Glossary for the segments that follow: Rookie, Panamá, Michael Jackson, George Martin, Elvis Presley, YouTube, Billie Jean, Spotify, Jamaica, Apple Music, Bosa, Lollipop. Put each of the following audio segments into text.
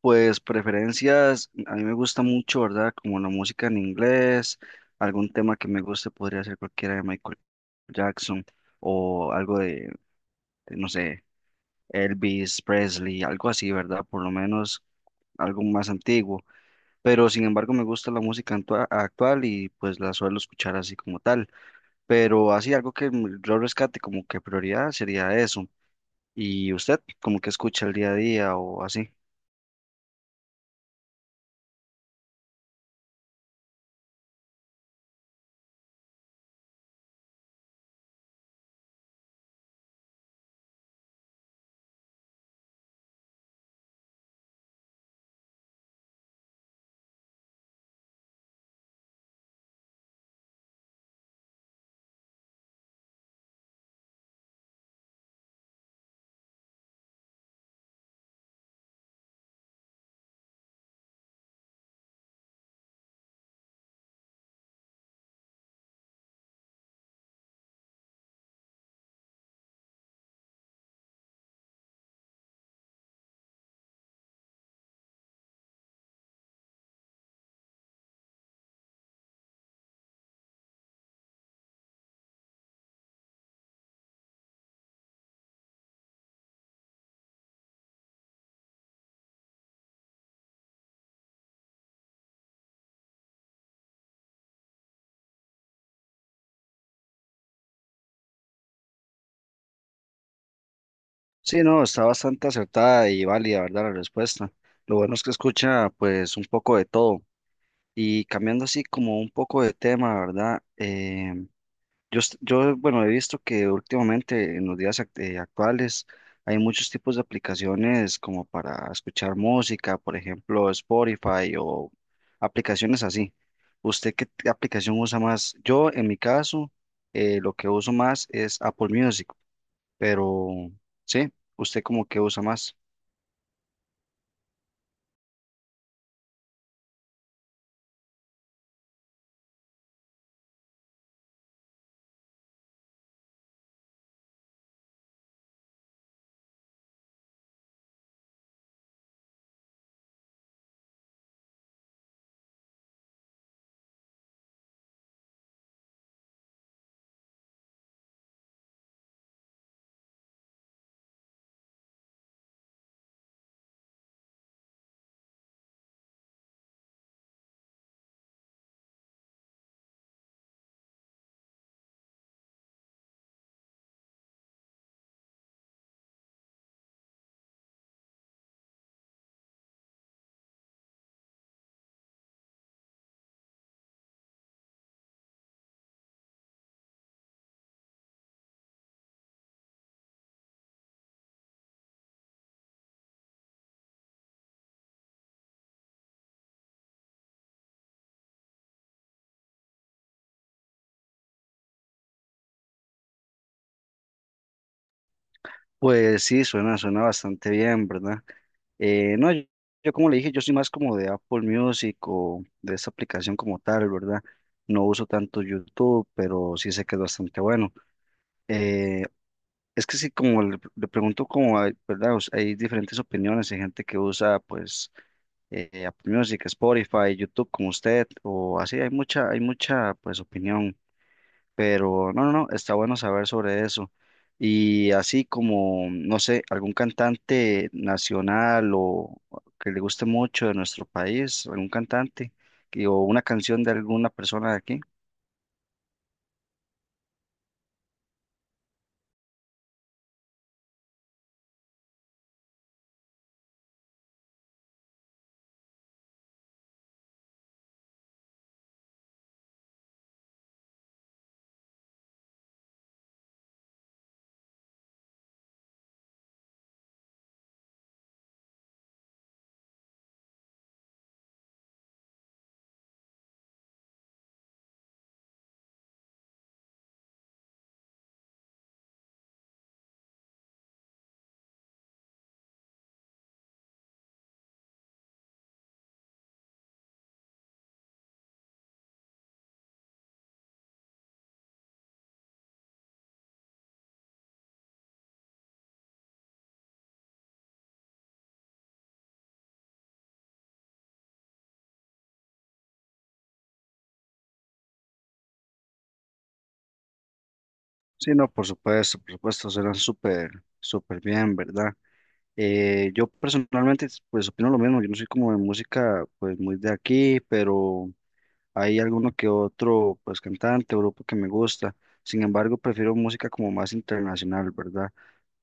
Pues preferencias, a mí me gusta mucho, ¿verdad? Como la música en inglés, algún tema que me guste podría ser cualquiera de Michael Jackson o algo no sé, Elvis Presley, algo así, ¿verdad? Por lo menos algo más antiguo. Pero sin embargo me gusta la música actual y pues la suelo escuchar así como tal. Pero así algo que yo rescate como que prioridad sería eso. ¿Y usted como que escucha el día a día o así? Sí, no, está bastante acertada y válida, ¿verdad? La respuesta. Lo bueno es que escucha pues un poco de todo. Y cambiando así como un poco de tema, ¿verdad? Bueno, he visto que últimamente en los días actuales hay muchos tipos de aplicaciones como para escuchar música, por ejemplo, Spotify o aplicaciones así. ¿Usted qué aplicación usa más? Yo, en mi caso, lo que uso más es Apple Music. Pero sí, ¿usted como que usa más? Pues sí, suena bastante bien, ¿verdad? No, yo, yo como le dije, yo soy más como de Apple Music o de esa aplicación como tal, ¿verdad? No uso tanto YouTube, pero sí sé que es bastante bueno. Eh, es que sí, como le pregunto como, hay, ¿verdad? O sea, hay diferentes opiniones, hay gente que usa pues Apple Music, Spotify, YouTube como usted, o así, hay mucha pues opinión. Pero no, está bueno saber sobre eso. Y así como, no sé, algún cantante nacional o que le guste mucho de nuestro país, algún cantante o una canción de alguna persona de aquí. Sí, no, por supuesto, súper bien, ¿verdad? Yo personalmente, pues opino lo mismo, yo no soy como de música, pues muy de aquí, pero hay alguno que otro, pues cantante o grupo que me gusta. Sin embargo, prefiero música como más internacional, ¿verdad?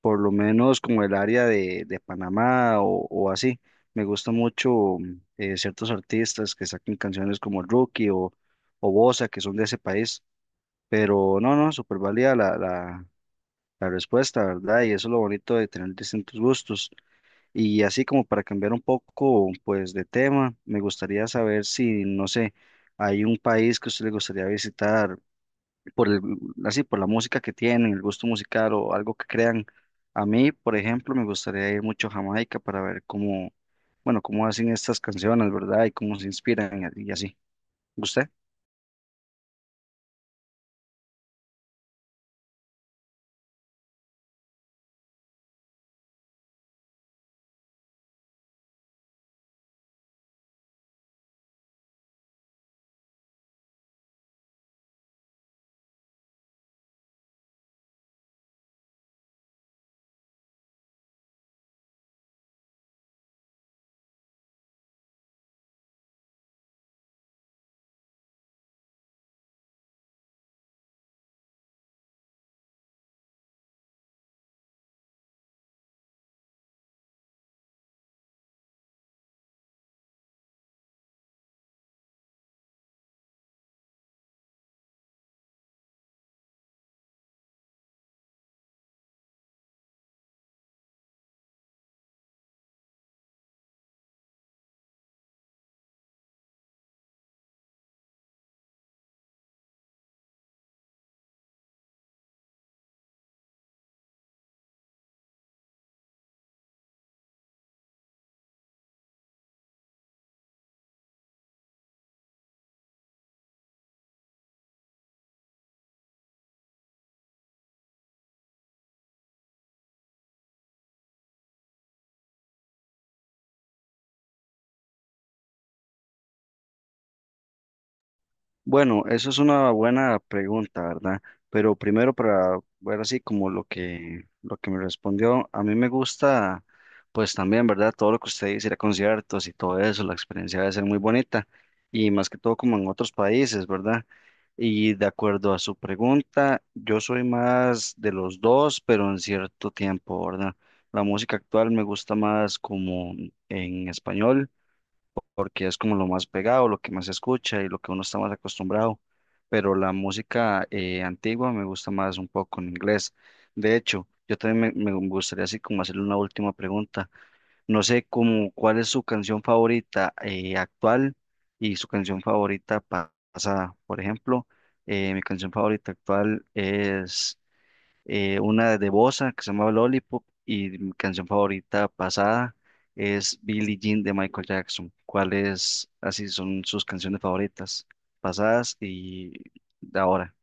Por lo menos como el área de Panamá o así. Me gusta mucho ciertos artistas que sacan canciones como Rookie o Bosa, que son de ese país. Pero no, no, súper válida la respuesta, ¿verdad? Y eso es lo bonito de tener distintos gustos. Y así como para cambiar un poco, pues, de tema, me gustaría saber si, no sé, hay un país que a usted le gustaría visitar por el, así, por la música que tienen, el gusto musical o algo que crean. A mí, por ejemplo, me gustaría ir mucho a Jamaica para ver cómo, bueno, cómo hacen estas canciones, ¿verdad? Y cómo se inspiran y así. ¿Usted? Bueno, eso es una buena pregunta, ¿verdad? Pero primero para ver así como lo que me respondió, a mí me gusta pues también, ¿verdad? Todo lo que usted dice, ir a conciertos y todo eso, la experiencia debe ser muy bonita y más que todo como en otros países, ¿verdad? Y de acuerdo a su pregunta, yo soy más de los dos, pero en cierto tiempo, ¿verdad? La música actual me gusta más como en español porque es como lo más pegado, lo que más se escucha y lo que uno está más acostumbrado. Pero la música antigua me gusta más un poco en inglés. De hecho, yo también me gustaría así como hacerle una última pregunta. No sé cómo, cuál es su canción favorita actual y su canción favorita pasada. Por ejemplo, mi canción favorita actual es una de Bossa que se llamaba Lollipop y mi canción favorita pasada es Billie Jean de Michael Jackson. ¿Cuáles así son sus canciones favoritas pasadas y de ahora?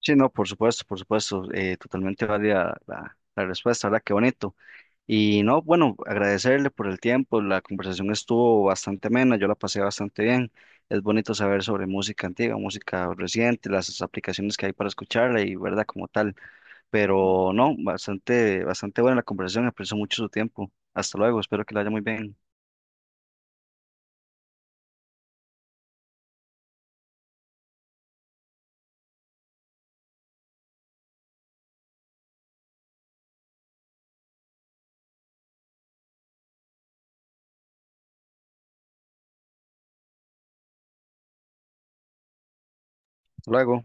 Sí, no, por supuesto, totalmente válida la respuesta, ¿verdad? Qué bonito. Y no, bueno, agradecerle por el tiempo, la conversación estuvo bastante amena, yo la pasé bastante bien. Es bonito saber sobre música antigua, música reciente, las aplicaciones que hay para escucharla y, ¿verdad? Como tal. Pero no, bastante buena la conversación, aprecio mucho su tiempo. Hasta luego, espero que la haya muy bien. Hasta luego.